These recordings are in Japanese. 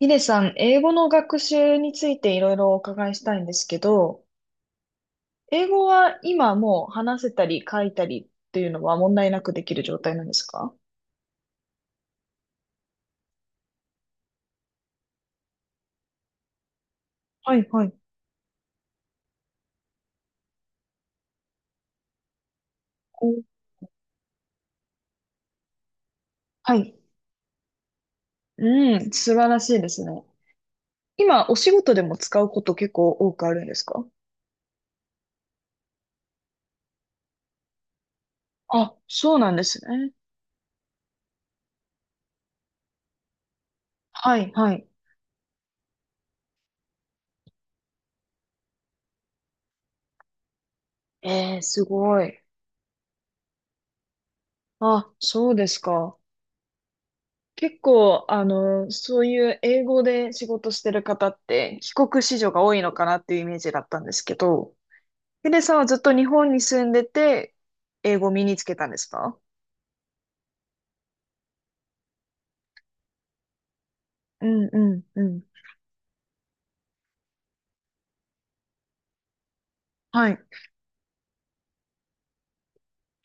ヒデさん、英語の学習についていろいろお伺いしたいんですけど、英語は今もう話せたり書いたりっていうのは問題なくできる状態なんですか？はいはい。お、はい。うん、素晴らしいですね。今、お仕事でも使うこと結構多くあるんですか？あ、そうなんですね。はいはい。えー、すごい。あ、そうですか。結構、そういう英語で仕事してる方って、帰国子女が多いのかなっていうイメージだったんですけど、ヒデさんはずっと日本に住んでて、英語を身につけたんですか？うんうんうん。はい。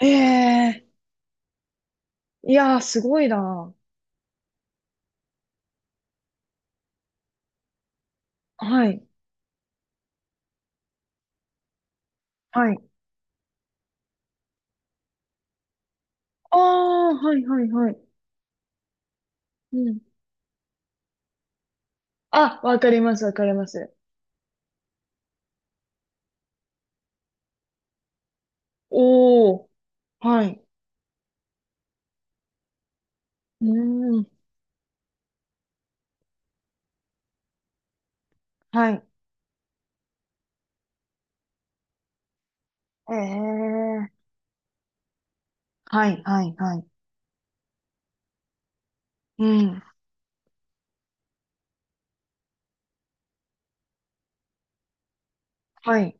ええ、ーいやー、すごいな。はい。はい。ああ、はいはいはい。うん。あ、わかります、わかります。おー、はい。うーん、はい。ええ、はいはいはい。うん、はい。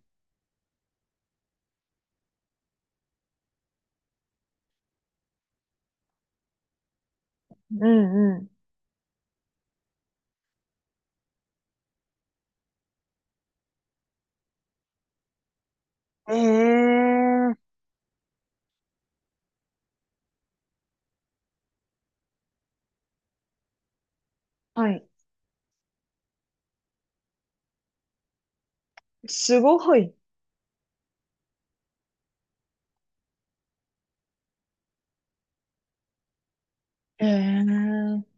うんうん。ええ、はい。すごい。ええ、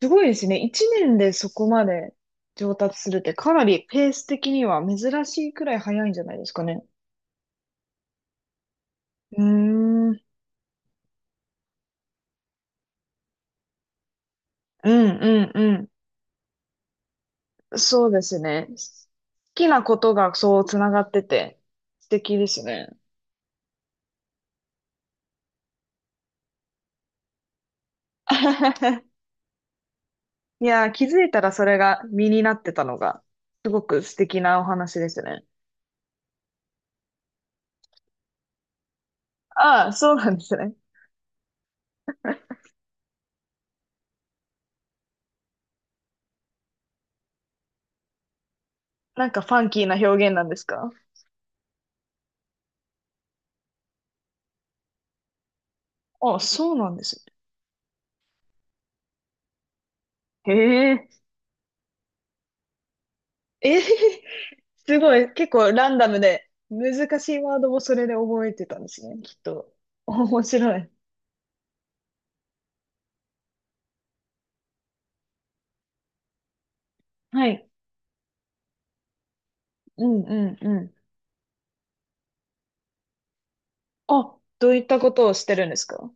すごいですね。一年でそこまで上達するってかなりペース的には珍しいくらい早いんじゃないですかね。うーん。うんうんうん。そうですね。好きなことがそうつながってて素敵ですね。いやー、気づいたらそれが身になってたのがすごく素敵なお話ですね。ああ、そうなんですね。なんかファンキーな表現なんですか？ああ、そうなんですね。へえ。えー。 すごい。結構ランダムで、難しいワードもそれで覚えてたんですね、きっと。面白い。はい。うんうんうん。あ、どういったことをしてるんですか？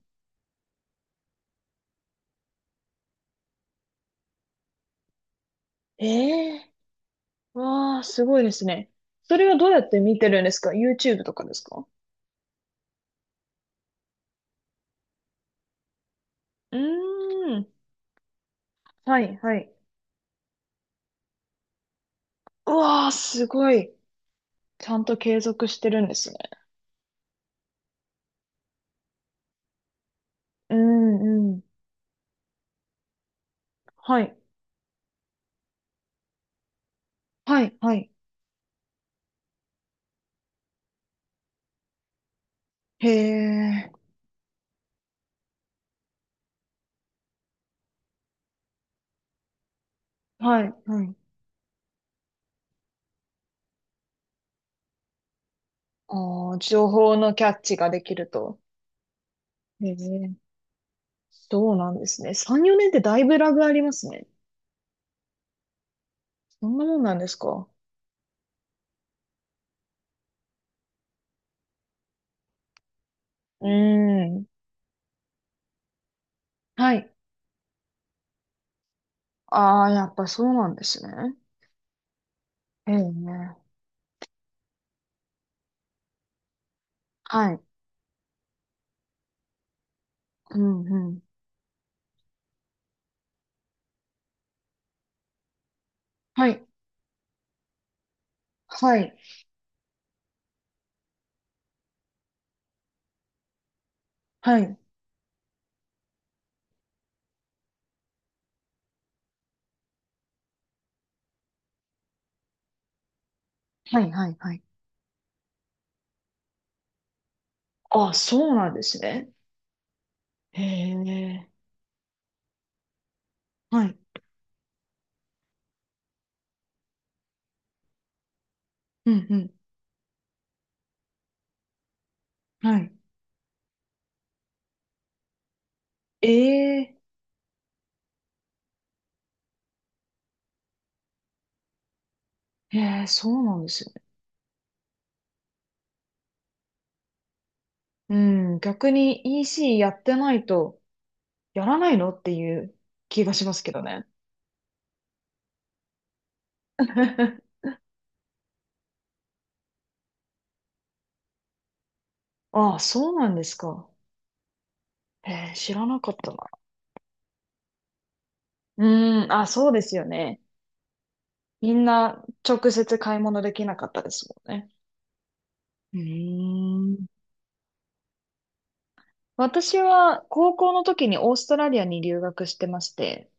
ええ、ーわあ、すごいですね。それはどうやって見てるんですか？ YouTube とかですか？うーん。はいはい。うわあ、すごい。ちゃんと継続してるんですね。うんうん。はい。はいはい。へえ。はいはい。ああ、情報のキャッチができると。へえ、そうなんですね。3、4年ってだいぶラグありますね。そんなもんなんですか？うーん。はい。ああ、やっぱそうなんですね。ええ、はい。うん、うん。はい。はい。はい。はい、はい、はい。ああ、そうなんですね。へえ、はい。うん、うん。はい。ええ、ええ、そうなんですね。うん、逆に EC やってないと、やらないのっていう気がしますけどね。ああ、そうなんですか。へえ、知らなかったな。うーん、あ、そうですよね。みんな直接買い物できなかったですもんね。うーん。私は高校の時にオーストラリアに留学してまして、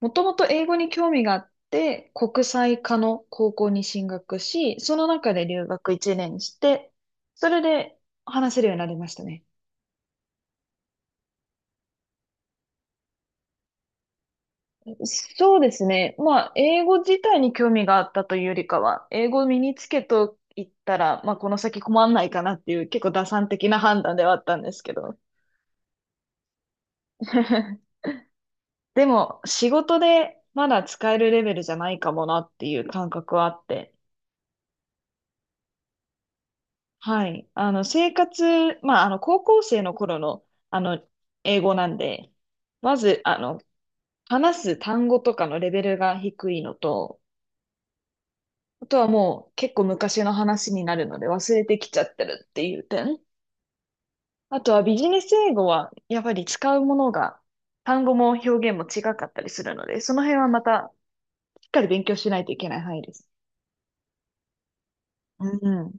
もともと英語に興味があって、国際科の高校に進学し、その中で留学1年して、それで話せるようになりましたね。そうですね。まあ、英語自体に興味があったというよりかは、英語を身につけといったら、まあ、この先困んないかなっていう、結構打算的な判断ではあったんですけど。でも、仕事でまだ使えるレベルじゃないかもなっていう感覚はあって。はい。生活、まあ、高校生の頃の、あの、英語なんで、まず、話す単語とかのレベルが低いのと、あとはもう結構昔の話になるので忘れてきちゃってるっていう点。あとはビジネス英語はやっぱり使うものが単語も表現も違かったりするので、その辺はまたしっかり勉強しないといけない範囲です。うん、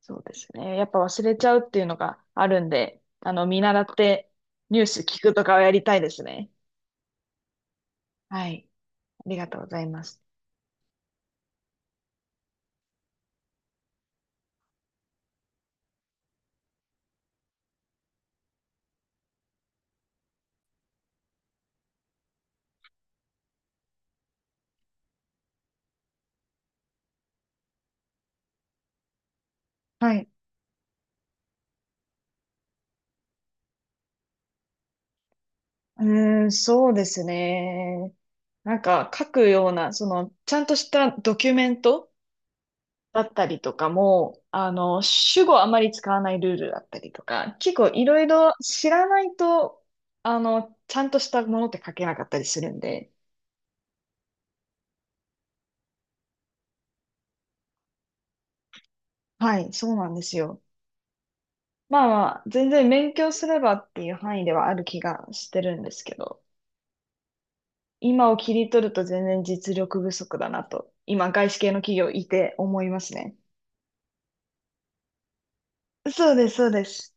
そうですね。やっぱ忘れちゃうっていうのがあるんで、見習ってニュース聞くとかはやりたいですね。はい。ありがとうございます。はい。うーん、そうですね。なんか書くような、その、ちゃんとしたドキュメントだったりとかも、主語あまり使わないルールだったりとか、結構いろいろ知らないと、ちゃんとしたものって書けなかったりするんで、はい、そうなんですよ。まあまあ、全然勉強すればっていう範囲ではある気がしてるんですけど、今を切り取ると全然実力不足だなと、今外資系の企業いて思いますね。そうです、そうです。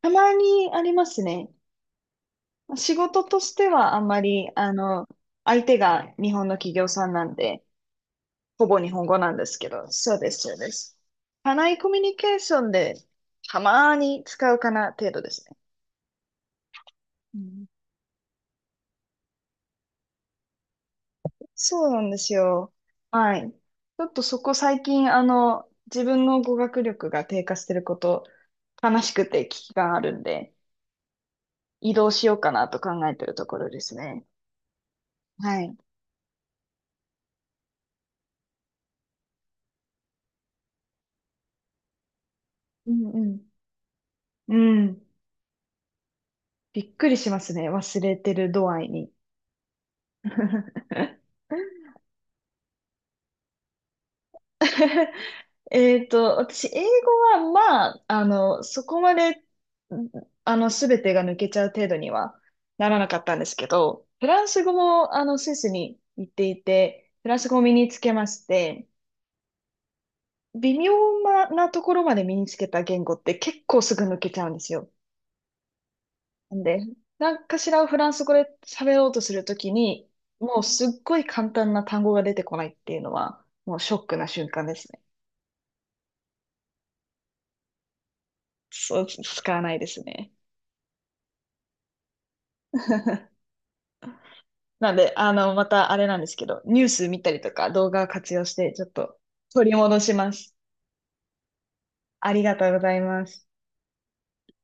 たまにありますね。仕事としてはあんまり、相手が日本の企業さんなんで、ほぼ日本語なんですけど、そうです、そうです。社内コミュニケーションで、たまに使うかな程度ですね。うん、そうなんですよ。はい。ちょっとそこ最近、自分の語学力が低下してること、悲しくて危機があるんで、移動しようかなと考えてるところですね。はい。うんうん。うん。びっくりしますね。忘れてる度合いに。えっと、私、英語は、まあ、そこまで、すべてが抜けちゃう程度にはならなかったんですけど、フランス語も、スイスに行っていて、フランス語を身につけまして、微妙なところまで身につけた言語って結構すぐ抜けちゃうんですよ。なんで、何かしらをフランス語で喋ろうとするときに、もうすっごい簡単な単語が出てこないっていうのは、もうショックな瞬間ですね。そう、使わないですね。なんで、またあれなんですけど、ニュース見たりとか動画を活用して、ちょっと取り戻します。ありがとうございます。